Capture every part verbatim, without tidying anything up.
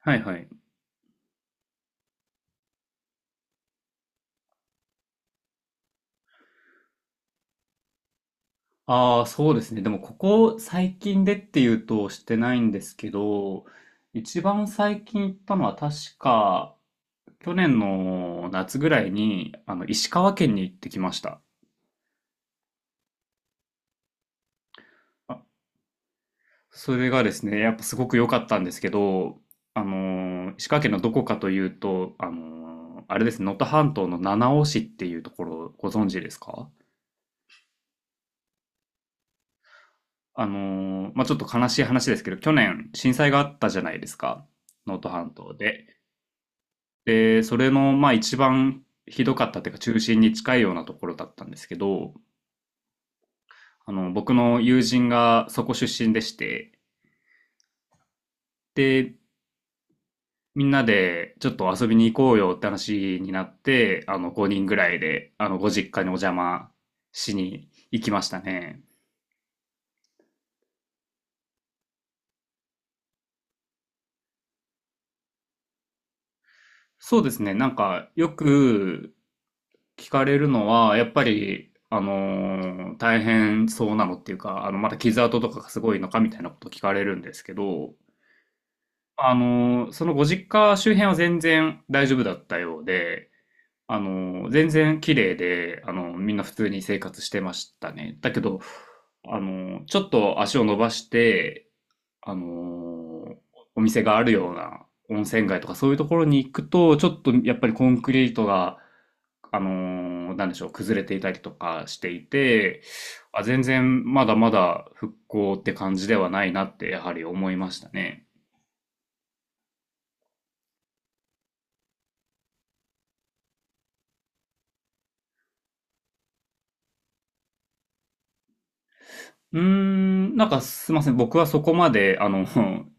はいはい。ああ、そうですね。でも、ここ最近でっていうとしてないんですけど、一番最近行ったのは確か、去年の夏ぐらいに、あの、石川県に行ってきました。あそれがですね、やっぱすごく良かったんですけど、あのー石川県のどこかというと、あのーあれですね、能登半島の七尾市っていうところ、ご存知ですか？あのーまあ、ちょっと悲しい話ですけど、去年震災があったじゃないですか。能登半島で。で、それの、まあ一番ひどかったっていうか中心に近いようなところだったんですけど、あの、僕の友人がそこ出身でして、で、みんなでちょっと遊びに行こうよって話になって、あの、ごにんぐらいで、あの、ご実家にお邪魔しに行きましたね。そうですね、なんかよく聞かれるのは、やっぱり、あのー大変そうなのっていうか、あの、まだ傷跡とかがすごいのかみたいなこと聞かれるんですけど、あの、そのご実家周辺は全然大丈夫だったようで、あの、全然綺麗で、あの、みんな普通に生活してましたね。だけど、あの、ちょっと足を伸ばして、あの、お店があるような温泉街とかそういうところに行くと、ちょっとやっぱりコンクリートが、あの、なんでしょう、崩れていたりとかしていて、あ、全然まだまだ復興って感じではないなってやはり思いましたね。うーん、なんかすいません。僕はそこまで、あの、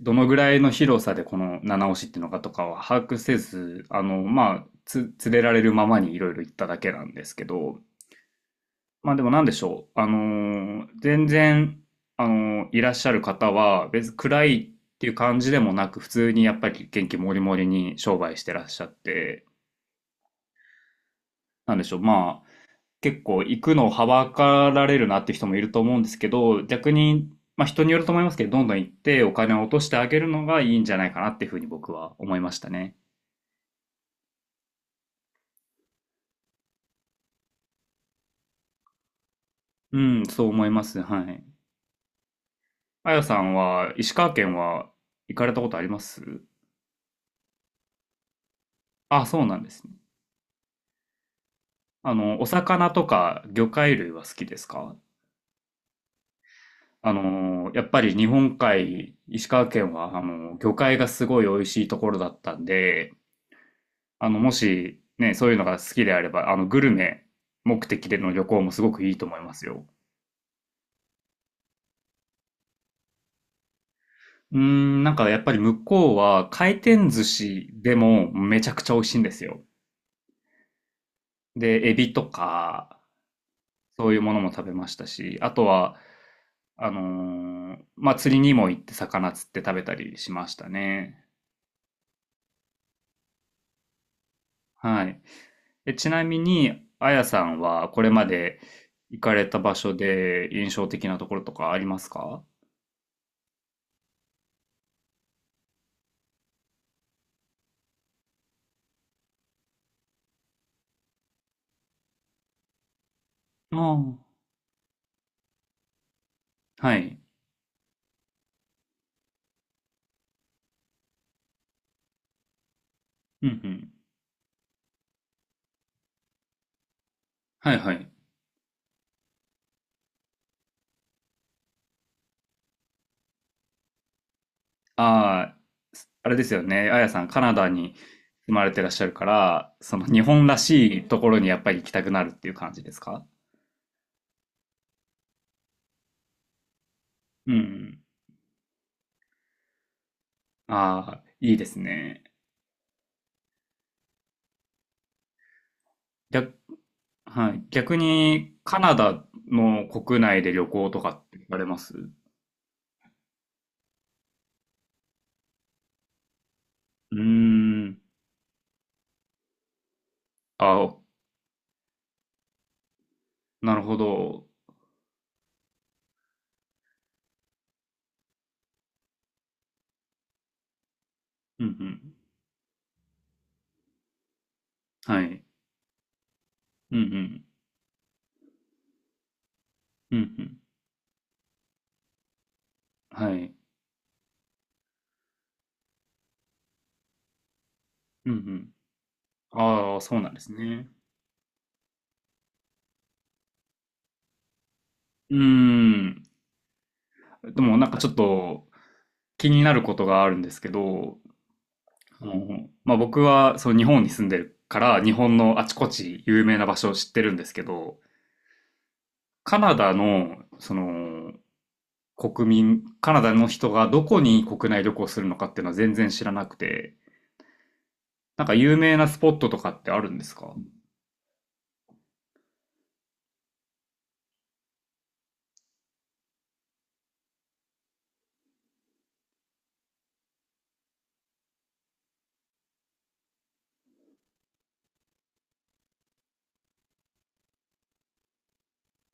どのぐらいの広さでこの七押しっていうのかとかは把握せず、あの、まあ、つ、連れられるままにいろいろ行っただけなんですけど、まあでもなんでしょう。あのー、全然、あのー、いらっしゃる方は別に暗いっていう感じでもなく、普通にやっぱり元気もりもりに商売してらっしゃって、なんでしょう。まあ、結構行くのをはばかられるなって人もいると思うんですけど、逆に、まあ人によると思いますけど、どんどん行ってお金を落としてあげるのがいいんじゃないかなっていうふうに僕は思いましたね。うん、そう思います。はい。あやさんは、石川県は行かれたことあります？あ、そうなんですね。あの、お魚とか魚介類は好きですか？あのー、やっぱり日本海、石川県は、あのー、魚介がすごい美味しいところだったんで、あの、もし、ね、そういうのが好きであれば、あの、グルメ目的での旅行もすごくいいと思いますよ。うーん、なんかやっぱり向こうは回転寿司でもめちゃくちゃ美味しいんですよ。で、エビとか、そういうものも食べましたし、あとは、あのーまあ、釣りにも行って魚釣って食べたりしましたね。はい。え、ちなみに、あやさんはこれまで行かれた場所で印象的なところとかありますか？ああー。はい。うんうん。はいはい。ああ、あれですよね。あやさん、カナダに住まれてらっしゃるから、その日本らしいところにやっぱり行きたくなるっていう感じですか？うん。ああ、いいですね。逆、はい。逆に、カナダの国内で旅行とかって行かれます？うーん。あ、なるほど。うんうん。はい。うんうん。うんうん。はい。うんうん。ああ、そうなんですね。うーん。でもなんかちょっと、気になることがあるんですけど、あの、まあ、僕はその日本に住んでるから日本のあちこち有名な場所を知ってるんですけど、カナダのその国民、カナダの人がどこに国内旅行するのかっていうのは全然知らなくて、なんか有名なスポットとかってあるんですか？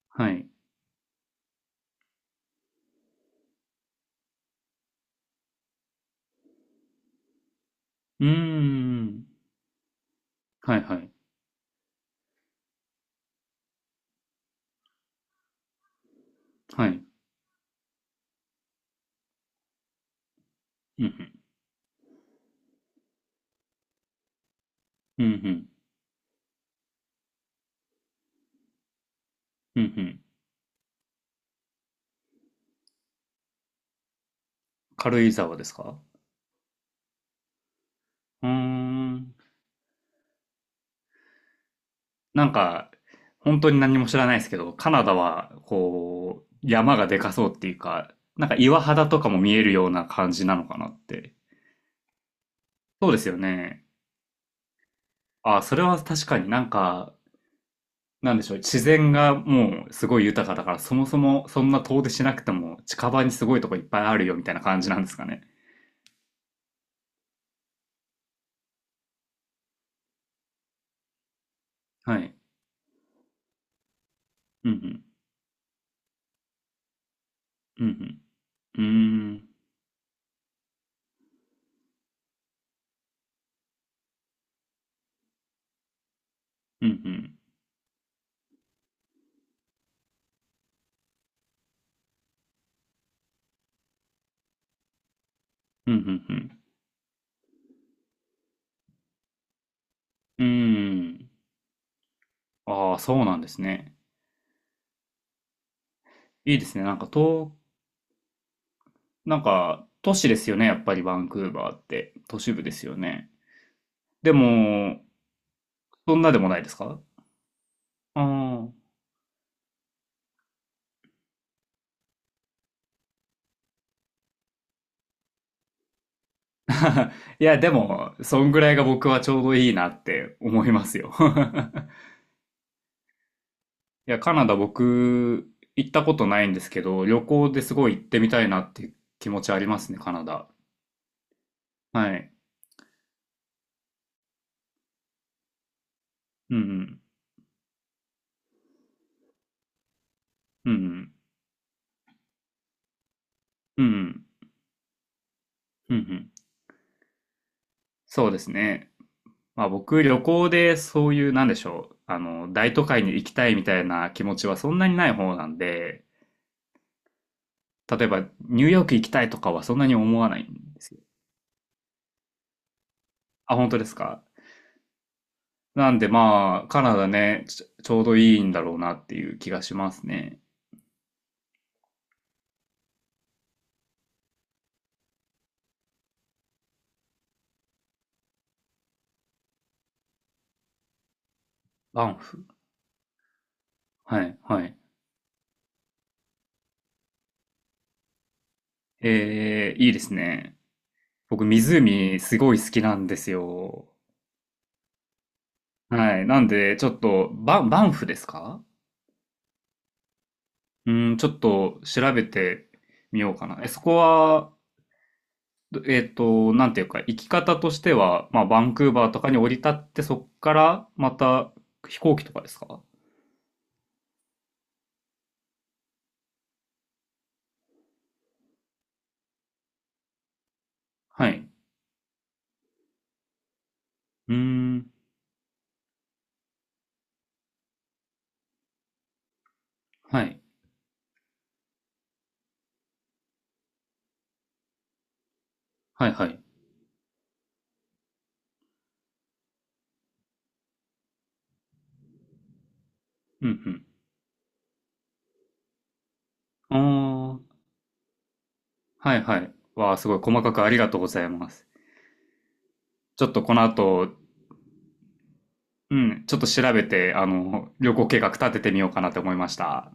はい。うーん。はいはい。はい。うんうん。うんうん。うんうん。軽井沢ですか？うーん。なんか、本当に何も知らないですけど、カナダは、こう、山がでかそうっていうか、なんか岩肌とかも見えるような感じなのかなって。そうですよね。あ、それは確かになんか、なんでしょう、自然がもうすごい豊かだから、そもそもそんな遠出しなくても近場にすごいとこいっぱいあるよみたいな感じなんですかね。はい。うんうん。うんうん。うーん。うんうん。うんうんうん。うーん。ああ、そうなんですね。いいですね。なんか東なんか、都市ですよね、やっぱりバンクーバーって。都市部ですよね。でも、そんなでもないですか？ああー。いや、でも、そんぐらいが僕はちょうどいいなって思いますよ。いや、カナダ僕、行ったことないんですけど、旅行ですごい行ってみたいなっていう気持ちありますね、カナダ。はい。うん、うん、うん、うん、うん、うん、うん。そうですね。まあ僕、旅行でそういう、なんでしょう、あの、大都会に行きたいみたいな気持ちはそんなにない方なんで、例えば、ニューヨーク行きたいとかはそんなに思わないんですよ。あ、本当ですか。なんでまあ、カナダね、ちょ、ちょうどいいんだろうなっていう気がしますね。バンフ。はい、はい。えー、いいですね。僕、湖すごい好きなんですよ。はい。なんで、ちょっと、バン、バンフですか？うん、ちょっと調べてみようかな。え、そこは、えっと、なんていうか、行き方としては、まあ、バンクーバーとかに降り立って、そっからまた飛行機とかですか？はい。うーん。はい。はいはい。うんうん。ああ、はいはい。わあ、すごい細かくありがとうございます。ちょっとこの後、うん、ちょっと調べて、あの、旅行計画立ててみようかなって思いました。